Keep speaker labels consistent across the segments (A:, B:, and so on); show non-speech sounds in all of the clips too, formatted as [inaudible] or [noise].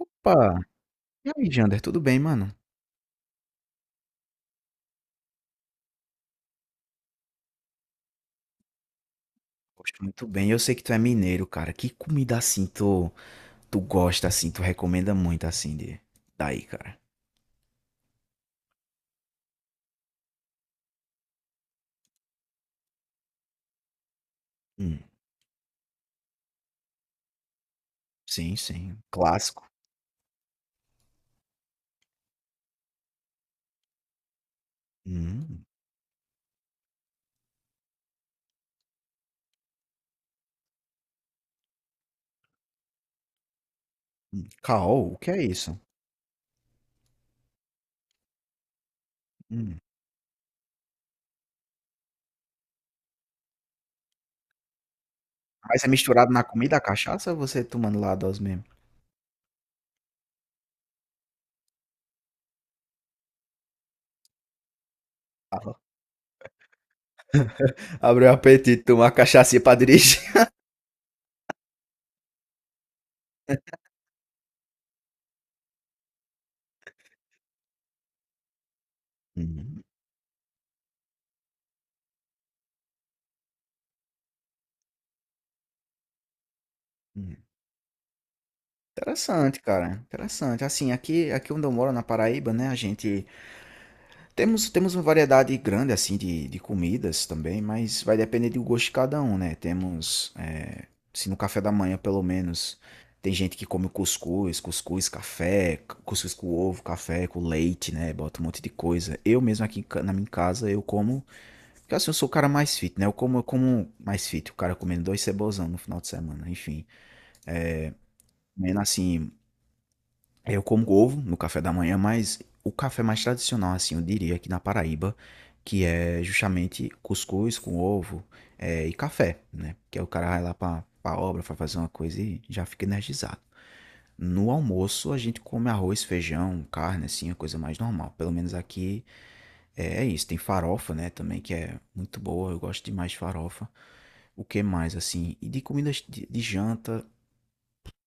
A: Opa! E aí, Jander, tudo bem, mano? Gosto muito bem. Eu sei que tu é mineiro, cara. Que comida assim tu gosta, assim, tu recomenda muito, assim, de... daí, cara? Hum, sim, sim. Clássico. Hum. Caol, o que é isso? Hum. Mas é misturado na comida, a cachaça, ou você tomando lá a dose mesmo? [laughs] Abriu o apetite, tomar cachaça pra dirigir. [laughs] Hum, hum. Interessante, cara. Interessante. Assim, aqui onde eu moro, na Paraíba, né, a gente... Temos uma variedade grande assim de comidas também, mas vai depender do gosto de cada um, né? Temos, é, se no café da manhã pelo menos, tem gente que come cuscuz, café, cuscuz com ovo, café com leite, né? Bota um monte de coisa. Eu mesmo aqui na minha casa, eu como, porque assim, eu sou o cara mais fit, né? Eu como mais fit, o cara comendo dois cebolzão no final de semana, enfim. Comendo assim, eu como ovo no café da manhã, mas o café mais tradicional, assim, eu diria, aqui na Paraíba, que é justamente cuscuz com ovo e café, né? Que aí o cara vai lá pra obra, vai fazer uma coisa e já fica energizado. No almoço, a gente come arroz, feijão, carne, assim, a coisa mais normal. Pelo menos aqui é isso. Tem farofa, né, também, que é muito boa. Eu gosto demais de farofa. O que mais, assim? E de comidas de janta,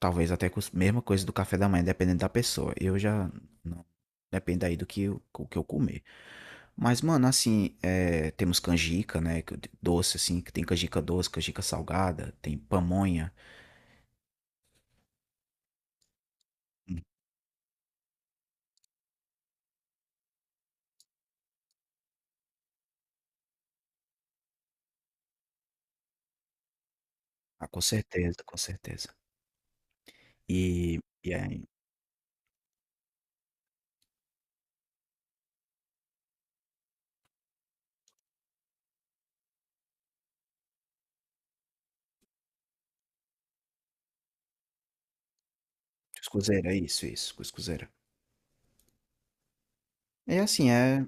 A: talvez até com a mesma coisa do café da manhã, dependendo da pessoa. Eu já. Não, depende aí do que, o que eu comer. Mas, mano, assim, é, temos canjica, né? Doce, assim, que tem canjica doce, canjica salgada, tem pamonha. Hum, Ah, com certeza, com certeza. E aí, cuscuzeira, é isso, isso, cuscuzeira. É assim, é.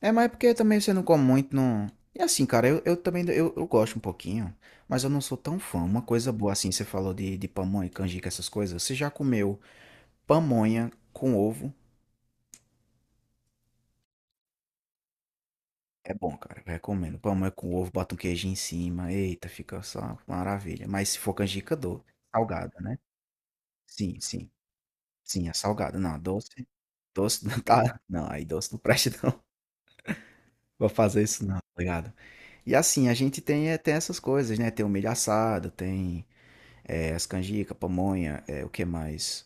A: É, mas é porque também você não come muito, não. É assim, cara, eu também eu gosto um pouquinho, mas eu não sou tão fã. Uma coisa boa, assim, você falou de pamonha, canjica, essas coisas. Você já comeu pamonha com ovo? É bom, cara. Eu recomendo. Pamonha com ovo, bota um queijinho em cima. Eita, fica só uma maravilha. Mas se for canjica doce, salgada, né? Sim, sim. Sim, é salgada. Não, doce. Doce [laughs] não tá. Não, aí doce não presta, [laughs] não. Vou fazer isso, não, tá ligado? E assim, a gente tem, é, tem essas coisas, né? Tem o milho assado, tem é, as canjica, pamonha, é, o que mais?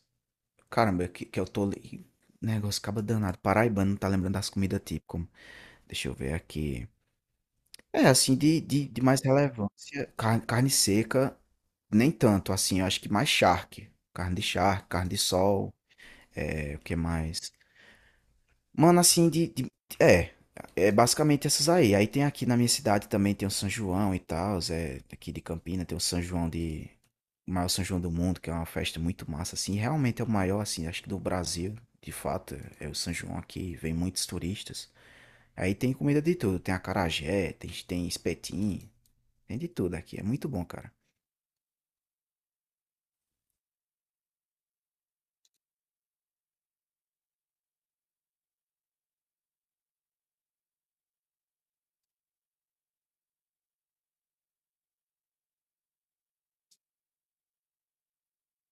A: Caramba, que eu tô. Negócio acaba danado. Paraibano não tá lembrando das comidas típicas. Deixa eu ver aqui. É, assim, de mais relevância, carne, carne seca, nem tanto, assim, eu acho que mais charque. Carne de charque, carne de sol, é, o que mais? Mano, assim, de é, é basicamente essas aí. Aí tem aqui na minha cidade também tem o São João e tal, é, aqui de Campina tem o São João de, o maior São João do mundo, que é uma festa muito massa, assim, realmente é o maior, assim, acho que do Brasil, de fato, é o São João aqui, vem muitos turistas. Aí tem comida de tudo, tem acarajé, tem espetinho, tem de tudo aqui, é muito bom, cara.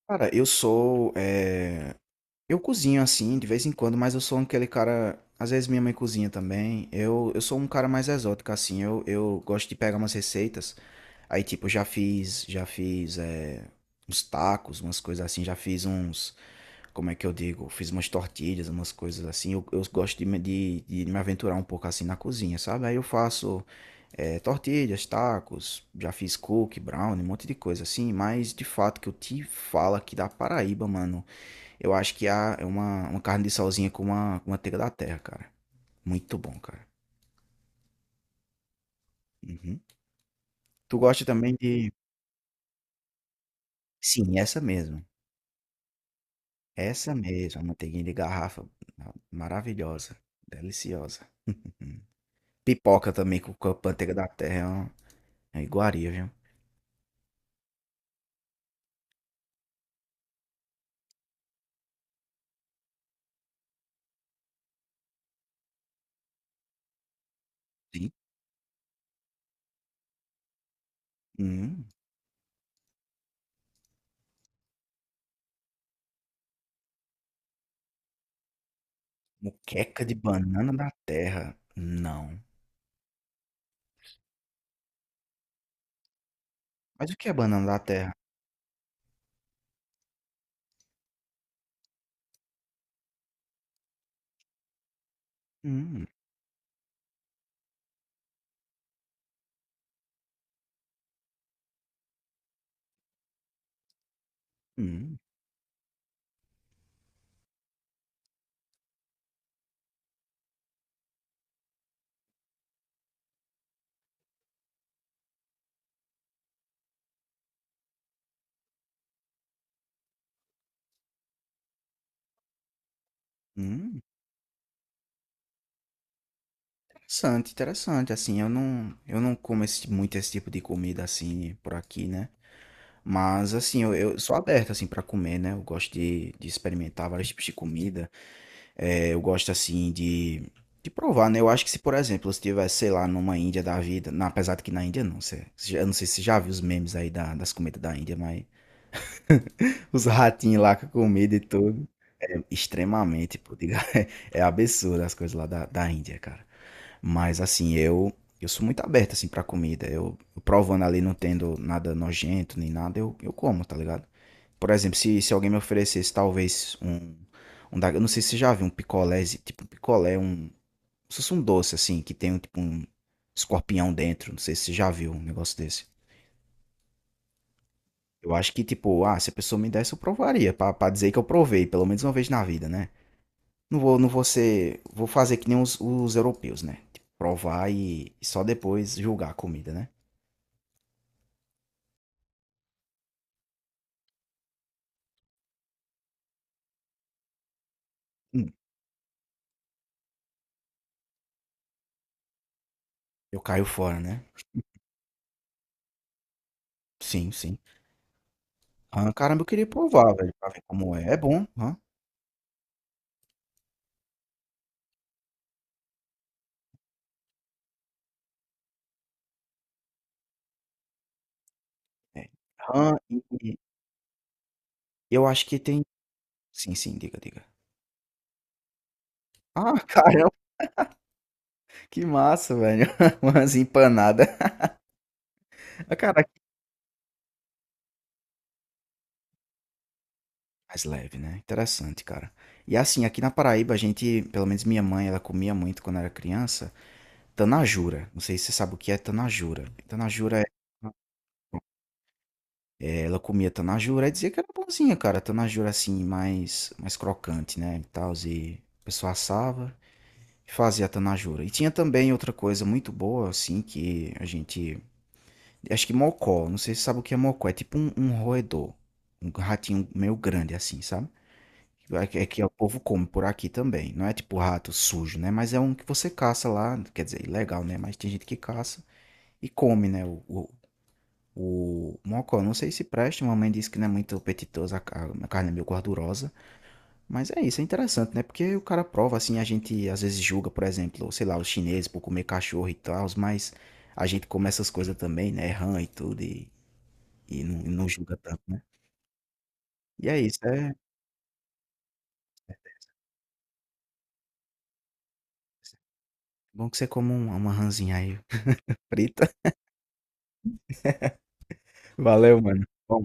A: Cara, eu sou eu cozinho assim, de vez em quando, mas eu sou aquele cara. Às vezes minha mãe cozinha também. Eu sou um cara mais exótico, assim. Eu gosto de pegar umas receitas. Aí, tipo, eu já fiz é, uns tacos, umas coisas assim. Já fiz uns. Como é que eu digo? Fiz umas tortilhas, umas coisas assim. Eu gosto de, de me aventurar um pouco assim na cozinha, sabe? Aí eu faço é, tortilhas, tacos, já fiz cookie, brownie, um monte de coisa assim. Mas de fato que eu te falo aqui da Paraíba, mano. Eu acho que há é uma carne de solzinha com uma, com manteiga da terra, cara. Muito bom, cara. Uhum. Tu gosta também de. Sim, essa mesmo. Essa mesmo. A manteiguinha de garrafa. Ah, maravilhosa. Deliciosa. Pipoca também com a manteiga da terra. É uma iguaria, viu? Sim. Hum. Moqueca de banana da terra. Não. Mas o que é banana da terra? Hum. Hum. Hum, interessante, interessante. Assim, eu não como esse, muito esse tipo de comida assim por aqui, né? Mas assim, eu sou aberto assim para comer, né? Eu gosto de experimentar vários tipos de comida. É, eu gosto assim de provar, né? Eu acho que se, por exemplo, se tivesse, sei lá, numa Índia da vida, apesar de que na Índia não, você eu não sei se você já viu os memes aí das comidas da Índia, mas [laughs] os ratinhos lá com a comida e tudo. É extremamente, pô, diga, [laughs] é absurdo as coisas lá da Índia, cara. Mas assim, eu sou muito aberto assim para comida. Eu provando ali não tendo nada nojento nem nada, eu como, tá ligado? Por exemplo, se alguém me oferecesse talvez um, eu não sei se você já viu um picolé, tipo um picolé, um, como se fosse um doce assim, que tem um tipo um escorpião dentro, não sei se você já viu um negócio desse. Eu acho que tipo, ah, se a pessoa me desse eu provaria, pra dizer que eu provei, pelo menos uma vez na vida, né? Não vou, não vou ser, vou fazer que nem os europeus, né? Tipo, provar e só depois julgar a comida, né? Hum, eu caio fora, né? Sim, sim. Ah, caramba, eu queria provar, velho, pra ver como é. É bom, hã? É. Rã e eu acho que tem sim, sim, diga, diga. Ah, [laughs] caramba, que massa, velho. [laughs] Umas empanada. Ah, cara, mais leve, né? Interessante, cara. E assim, aqui na Paraíba, a gente, pelo menos minha mãe, ela comia muito quando era criança, tanajura. Não sei se você sabe o que é tanajura. Tanajura é, é, ela comia tanajura e dizia que era bonzinha, cara. Tanajura assim, mais crocante, né? E tal, e a pessoa assava e fazia tanajura. E tinha também outra coisa muito boa, assim, que a gente acho que mocó. Não sei se você sabe o que é mocó. É tipo um, um roedor. Um ratinho meio grande assim, sabe? É que o povo come por aqui também. Não é tipo rato sujo, né? Mas é um que você caça lá. Quer dizer, ilegal, né? Mas tem gente que caça e come, né? O mocó. Não sei se presta. Minha mãe disse que não é muito apetitoso. A carne é meio gordurosa. Mas é isso. É interessante, né? Porque o cara prova assim. A gente às vezes julga, por exemplo, sei lá, os chineses por comer cachorro e tal. Mas a gente come essas coisas também, né? Rã e tudo. E não julga tanto, né. E é isso, é bom que você coma uma rãzinha aí frita. [laughs] Valeu, mano. Bom